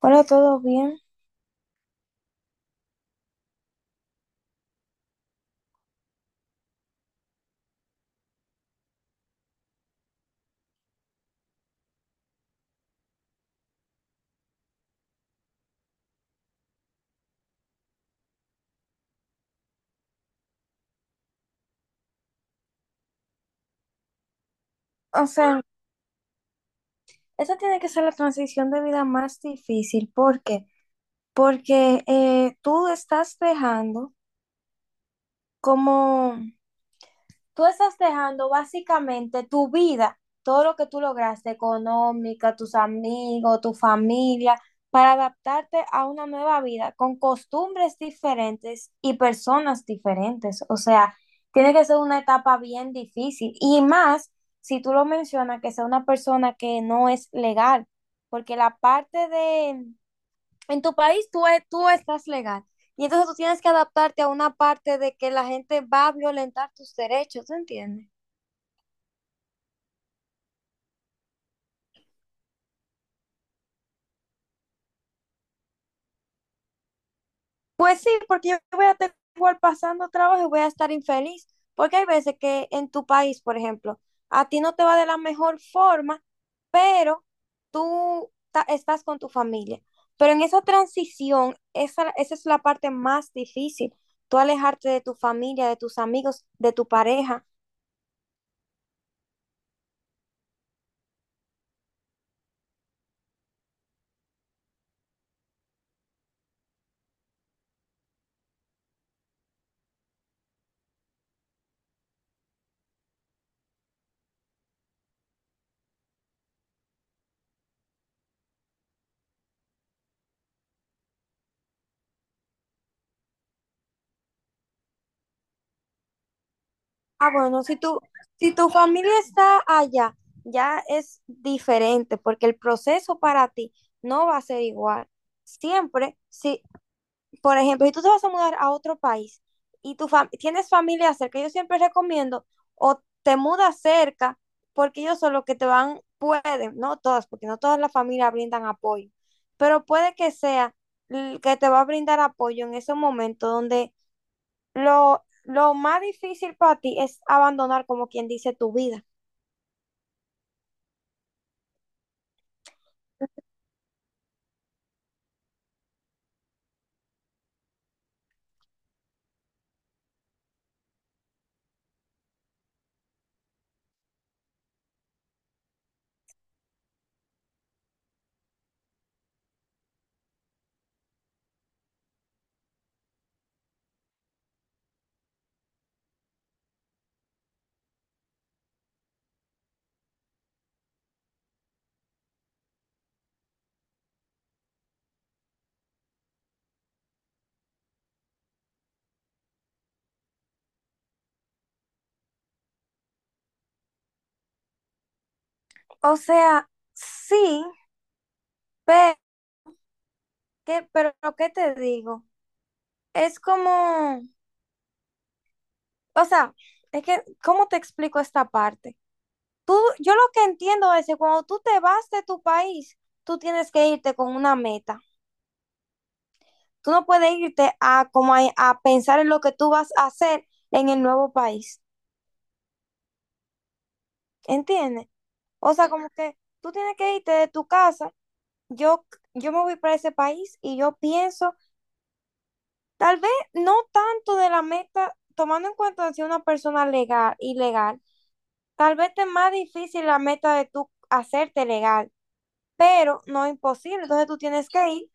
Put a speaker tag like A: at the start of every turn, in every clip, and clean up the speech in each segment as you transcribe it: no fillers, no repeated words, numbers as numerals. A: Hola, ¿todo bien? O sea, esa tiene que ser la transición de vida más difícil. ¿Por qué? Porque tú estás dejando como tú estás dejando básicamente tu vida, todo lo que tú lograste, económica, tus amigos, tu familia, para adaptarte a una nueva vida con costumbres diferentes y personas diferentes. O sea, tiene que ser una etapa bien difícil. Y más si tú lo mencionas, que sea una persona que no es legal, porque la parte de, en tu país tú, tú estás legal y entonces tú tienes que adaptarte a una parte de que la gente va a violentar tus derechos, ¿tú entiendes? Pues sí, porque yo voy a estar igual pasando trabajo y voy a estar infeliz, porque hay veces que en tu país, por ejemplo, a ti no te va de la mejor forma, pero estás con tu familia. Pero en esa transición, esa es la parte más difícil, tú alejarte de tu familia, de tus amigos, de tu pareja. Ah, bueno, si tu familia está allá, ya es diferente, porque el proceso para ti no va a ser igual. Siempre, si, por ejemplo, si tú te vas a mudar a otro país y tienes familia cerca, yo siempre recomiendo o te mudas cerca, porque ellos son los que te van, pueden, no todas, porque no todas las familias brindan apoyo, pero puede que sea que te va a brindar apoyo en ese momento donde lo más difícil para ti es abandonar, como quien dice, tu vida. O sea, sí, pero ¿qué te digo? Es como, o sea, es que, ¿cómo te explico esta parte? Tú, yo lo que entiendo es que cuando tú te vas de tu país, tú tienes que irte con una meta. Tú no puedes irte a, como a pensar en lo que tú vas a hacer en el nuevo país. ¿Entiendes? O sea, como que tú tienes que irte de tu casa yo, yo me voy para ese país y yo pienso, tal vez no tanto de la meta, tomando en cuenta si una persona legal, ilegal, tal vez te es más difícil la meta de tú hacerte legal, pero no imposible. Entonces tú tienes que ir.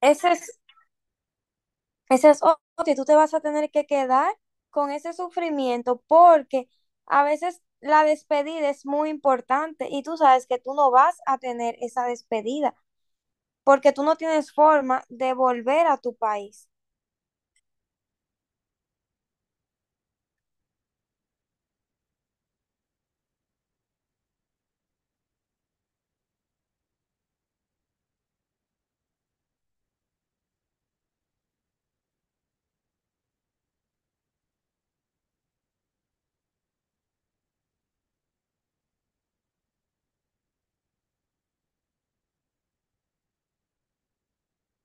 A: Ese es, ese es otro, y tú te vas a tener que quedar con ese sufrimiento porque a veces la despedida es muy importante y tú sabes que tú no vas a tener esa despedida, porque tú no tienes forma de volver a tu país.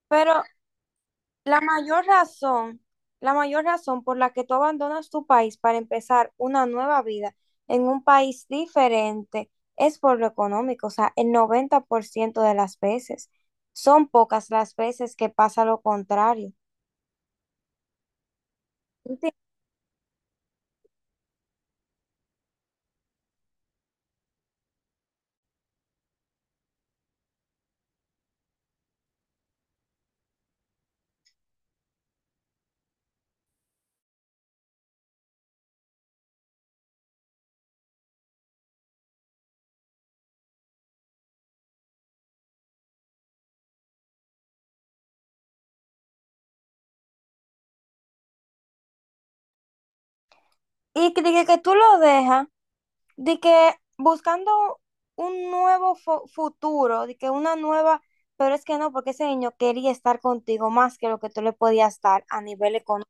A: Pero la mayor razón, la mayor razón por la que tú abandonas tu país para empezar una nueva vida en un país diferente es por lo económico, o sea, el 90% de las veces. Son pocas las veces que pasa lo contrario. ¿Entiendes? Y que tú lo dejas de que buscando un nuevo futuro, de que una nueva, pero es que no, porque ese niño quería estar contigo más que lo que tú le podías dar a nivel económico.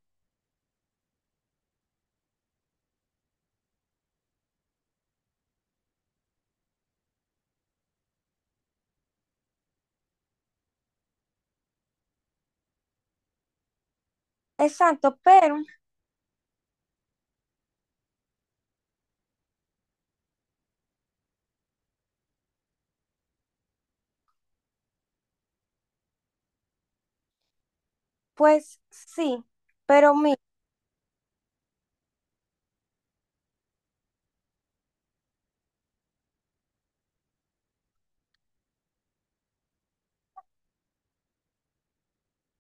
A: Exacto, pero pues sí, pero mi,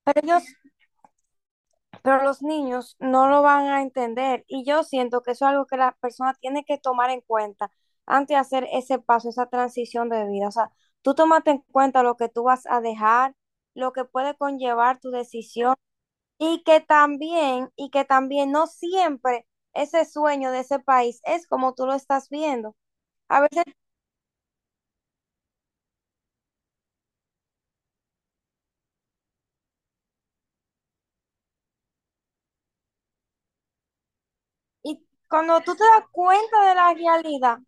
A: pero ellos, pero los niños no lo van a entender y yo siento que eso es algo que la persona tiene que tomar en cuenta antes de hacer ese paso, esa transición de vida. O sea, tú tómate en cuenta lo que tú vas a dejar, lo que puede conllevar tu decisión. Y que también no siempre ese sueño de ese país es como tú lo estás viendo. A veces, y cuando tú te das cuenta de la realidad,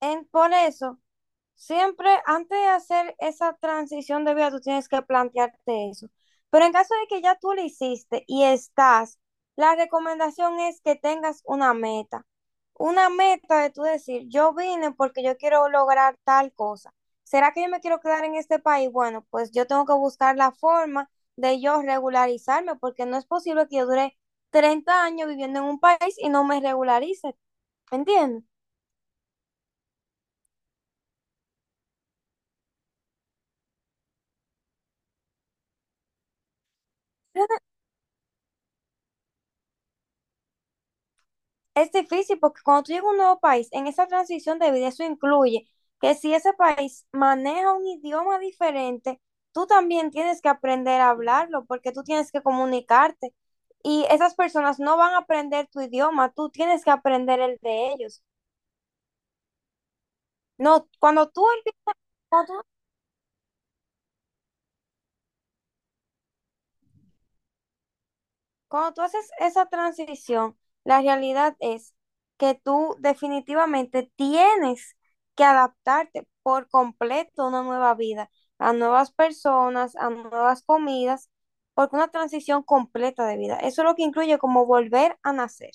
A: por eso siempre antes de hacer esa transición de vida, tú tienes que plantearte eso. Pero en caso de que ya tú lo hiciste y estás, la recomendación es que tengas una meta. Una meta de tú decir, yo vine porque yo quiero lograr tal cosa. ¿Será que yo me quiero quedar en este país? Bueno, pues yo tengo que buscar la forma de yo regularizarme porque no es posible que yo dure 30 años viviendo en un país y no me regularice. ¿Entiendes? Es difícil porque cuando tú llegas a un nuevo país, en esa transición de vida, eso incluye que si ese país maneja un idioma diferente, tú también tienes que aprender a hablarlo porque tú tienes que comunicarte y esas personas no van a aprender tu idioma, tú tienes que aprender el de ellos. No, cuando tú Cuando tú haces esa transición, la realidad es que tú definitivamente tienes que adaptarte por completo a una nueva vida, a nuevas personas, a nuevas comidas, porque una transición completa de vida. Eso es lo que incluye como volver a nacer.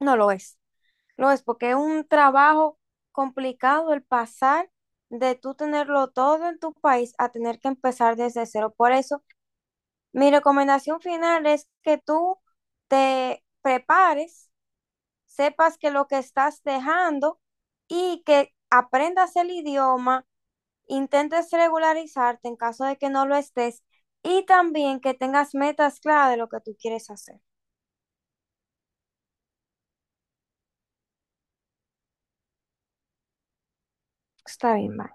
A: No lo es. Lo es porque es un trabajo complicado el pasar de tú tenerlo todo en tu país a tener que empezar desde cero. Por eso mi recomendación final es que tú te prepares, sepas que lo que estás dejando y que aprendas el idioma, intentes regularizarte en caso de que no lo estés y también que tengas metas claras de lo que tú quieres hacer. Está bien, bye.